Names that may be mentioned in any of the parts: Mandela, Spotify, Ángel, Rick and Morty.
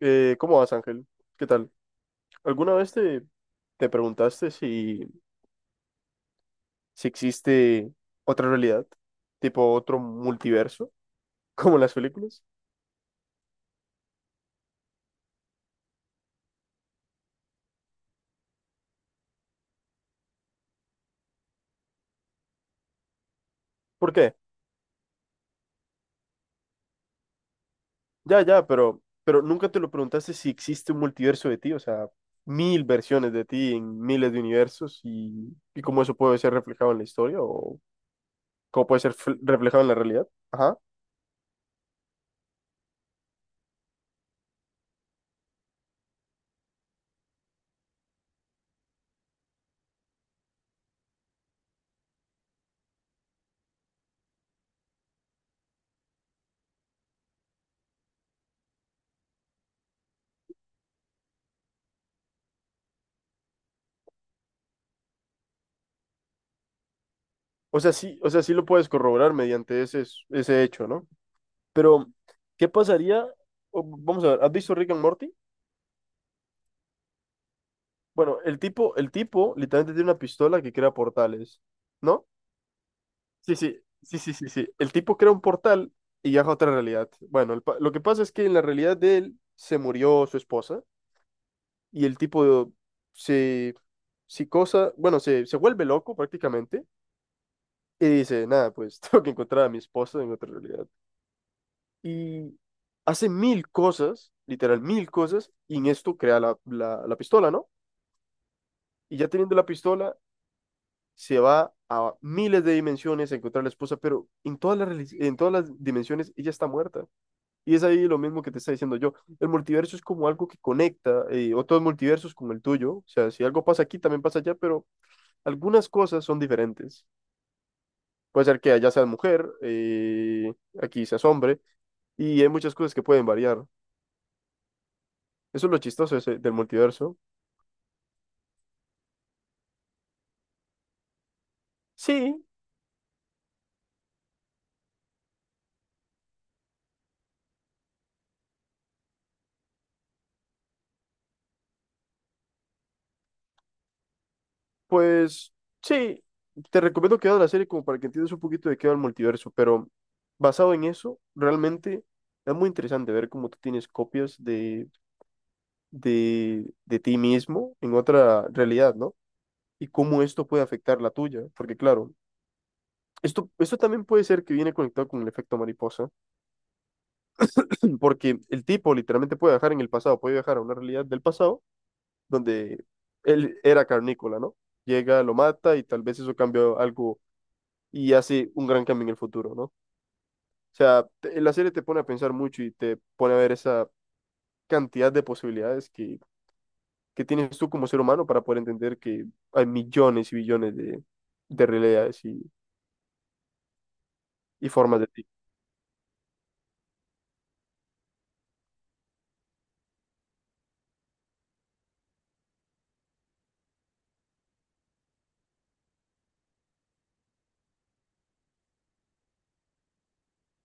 ¿Cómo vas, Ángel? ¿Qué tal? ¿Alguna vez te preguntaste si existe otra realidad? ¿Tipo otro multiverso? ¿Como en las películas? ¿Por qué? Ya, pero nunca te lo preguntaste si existe un multiverso de ti, o sea, mil versiones de ti en miles de universos y cómo eso puede ser reflejado en la historia o cómo puede ser reflejado en la realidad. Ajá. O sea, sí lo puedes corroborar mediante ese hecho, ¿no? Pero, ¿qué pasaría? O, vamos a ver, ¿has visto Rick and Morty? Bueno, el tipo literalmente tiene una pistola que crea portales, ¿no? Sí, sí. El tipo crea un portal y viaja a otra realidad. Bueno, lo que pasa es que en la realidad de él se murió su esposa y el tipo se, se cosa, bueno, se vuelve loco prácticamente y dice, nada, pues tengo que encontrar a mi esposa en otra realidad. Y hace mil cosas, literal, mil cosas, y en esto crea la pistola, ¿no? Y ya teniendo la pistola, se va a miles de dimensiones a encontrar a la esposa, pero en en todas las dimensiones ella está muerta. Y es ahí lo mismo que te está diciendo yo. El multiverso es como algo que conecta otros multiversos como el tuyo. O sea, si algo pasa aquí, también pasa allá, pero algunas cosas son diferentes. Puede ser que allá seas mujer, aquí seas hombre, y hay muchas cosas que pueden variar. Eso es lo chistoso del multiverso. Sí, pues sí, te recomiendo que veas la serie como para que entiendas un poquito de qué va el multiverso, pero basado en eso, realmente es muy interesante ver cómo tú tienes copias de ti mismo en otra realidad, ¿no? Y cómo esto puede afectar la tuya, porque claro, esto también puede ser que viene conectado con el efecto mariposa, porque el tipo literalmente puede viajar en el pasado, puede viajar a una realidad del pasado donde él era carnícola, ¿no? Llega, lo mata y tal vez eso cambia algo y hace un gran cambio en el futuro, ¿no? O sea, la serie te pone a pensar mucho y te pone a ver esa cantidad de posibilidades que tienes tú como ser humano para poder entender que hay millones y billones de realidades y formas de ti.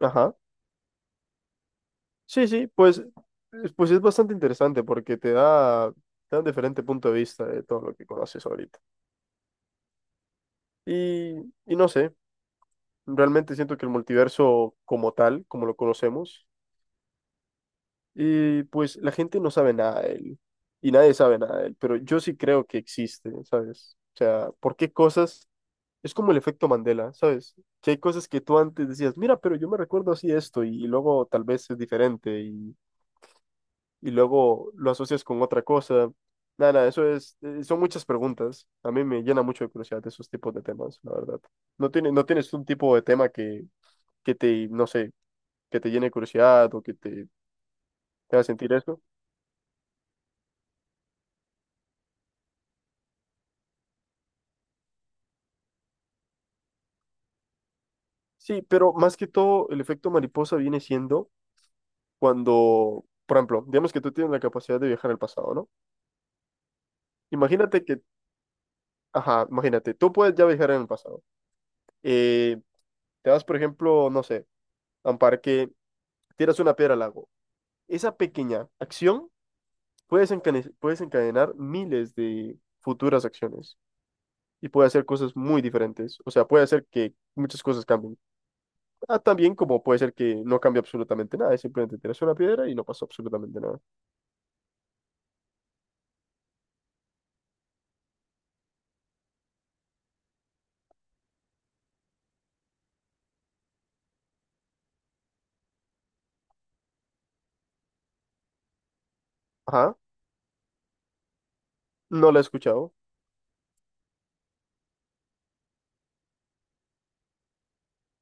Ajá. Sí, sí, pues, pues es bastante interesante porque te da un diferente punto de vista de todo lo que conoces ahorita. Y, y no sé, realmente siento que el multiverso como tal, como lo conocemos, y pues la gente no sabe nada de él y nadie sabe nada de él, pero yo sí creo que existe, ¿sabes? O sea, ¿porque cosas? Es como el efecto Mandela, ¿sabes? Que hay cosas que tú antes decías, mira, pero yo me recuerdo así esto y luego tal vez es diferente y luego lo asocias con otra cosa. Nada, nada, eso es, son muchas preguntas. A mí me llena mucho de curiosidad esos tipos de temas, la verdad. No tienes un tipo de tema que te, no sé, que te llene de curiosidad o que te haga sentir eso? Sí, pero más que todo, el efecto mariposa viene siendo cuando, por ejemplo, digamos que tú tienes la capacidad de viajar al pasado, ¿no? Imagínate que, ajá, imagínate, tú puedes ya viajar en el pasado. Eh, te vas, por ejemplo, no sé, a un parque, tiras una piedra al lago. Esa pequeña acción puede desencadenar miles de futuras acciones y puede hacer cosas muy diferentes. O sea, puede hacer que muchas cosas cambien. Ah, también como puede ser que no cambie absolutamente nada, es simplemente tiras una piedra y no pasó absolutamente nada. Ajá. No la he escuchado.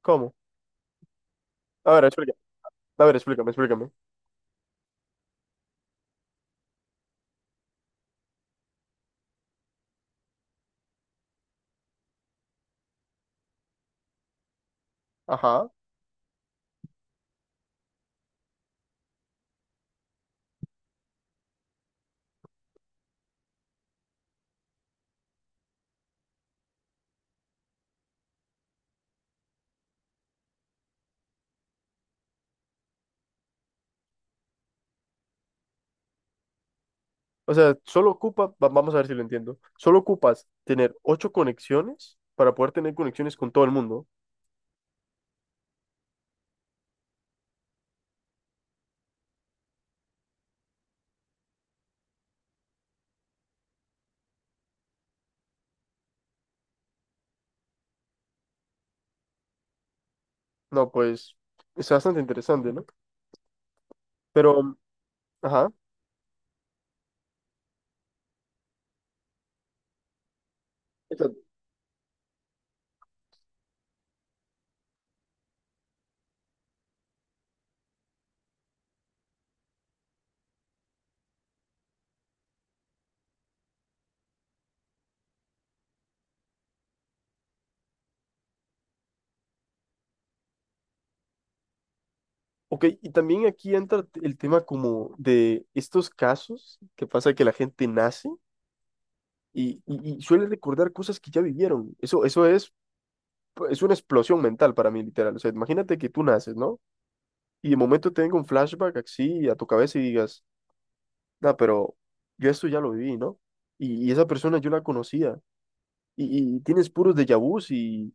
¿Cómo? A ver, explícame. A ver, explícame. Ajá. O sea, vamos a ver si lo entiendo. Solo ocupas tener ocho conexiones para poder tener conexiones con todo el mundo. No, pues, es bastante interesante, ¿no? Pero, ajá. Exacto. Ok, y también aquí entra el tema como de estos casos que pasa que la gente nace y suele recordar cosas que ya vivieron. Eso es una explosión mental para mí, literal. O sea, imagínate que tú naces, ¿no? Y de momento tenga un flashback así a tu cabeza y digas, no, pero yo esto ya lo viví, ¿no? Y esa persona yo la conocía. Y tienes puros déjà vus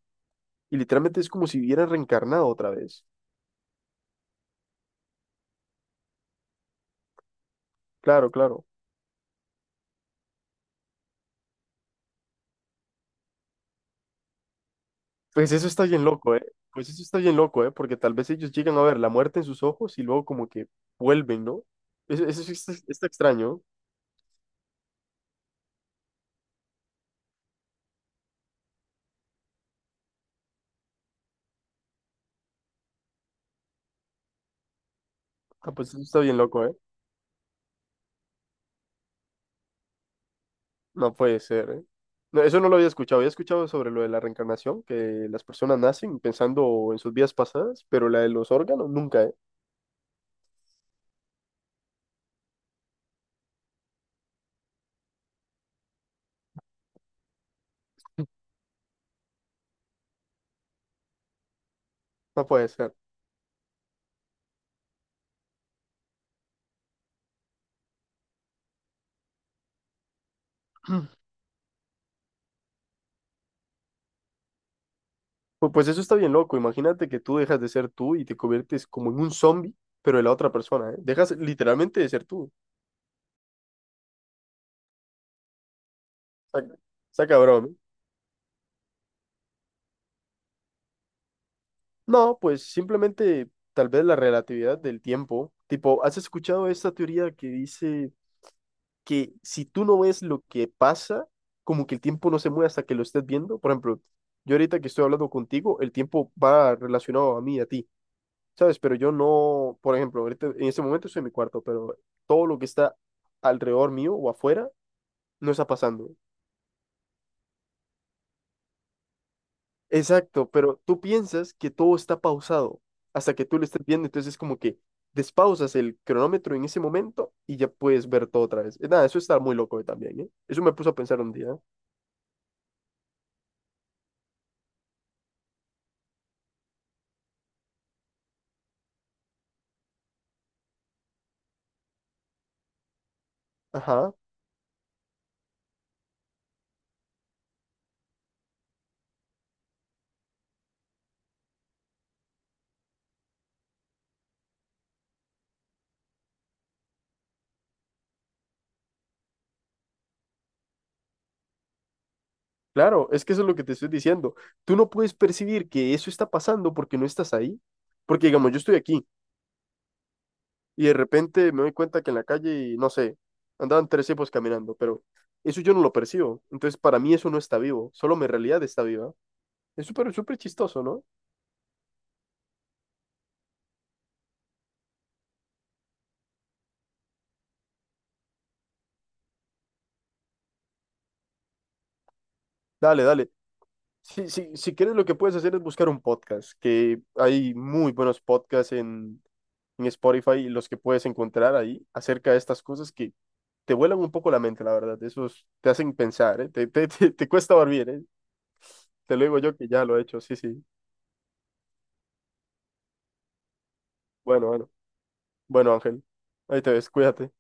y literalmente es como si hubiera reencarnado otra vez. Claro, claro. Pues eso está bien loco, ¿eh? Pues eso está bien loco, ¿eh? Porque tal vez ellos llegan a ver la muerte en sus ojos y luego como que vuelven, ¿no? Eso sí está, está extraño. Ah, pues eso está bien loco, ¿eh? No puede ser, ¿eh? No, eso no lo había escuchado. Había escuchado sobre lo de la reencarnación, que las personas nacen pensando en sus vidas pasadas, pero la de los órganos nunca, ¿eh? No puede ser. Pues eso está bien loco. Imagínate que tú dejas de ser tú y te conviertes como en un zombie, pero de la otra persona, ¿eh? Dejas literalmente de ser tú. Está, está cabrón, ¿eh? No, pues simplemente tal vez la relatividad del tiempo. Tipo, ¿has escuchado esta teoría que dice que si tú no ves lo que pasa, como que el tiempo no se mueve hasta que lo estés viendo? Por ejemplo, yo ahorita que estoy hablando contigo, el tiempo va relacionado a mí, a ti, ¿sabes? Pero yo no, por ejemplo, ahorita, en este momento estoy en mi cuarto, pero todo lo que está alrededor mío o afuera no está pasando. Exacto, pero tú piensas que todo está pausado hasta que tú lo estés viendo, entonces es como que despausas el cronómetro en ese momento y ya puedes ver todo otra vez. Nada, eso está muy loco también, ¿eh? Eso me puso a pensar un día. Ajá. Claro, es que eso es lo que te estoy diciendo. Tú no puedes percibir que eso está pasando porque no estás ahí. Porque, digamos, yo estoy aquí y de repente me doy cuenta que en la calle, no sé, andaban tres tipos caminando, pero eso yo no lo percibo. Entonces, para mí eso no está vivo, solo mi realidad está viva. Es súper, súper chistoso, ¿no? Dale, dale. Si quieres, lo que puedes hacer es buscar un podcast, que hay muy buenos podcasts en Spotify, los que puedes encontrar ahí acerca de estas cosas que te vuelan un poco la mente, la verdad. Esos te hacen pensar, ¿eh? Te cuesta dormir, ¿eh? Te lo digo yo que ya lo he hecho, sí, sí. Bueno, bueno. Bueno, Ángel, ahí te ves, cuídate.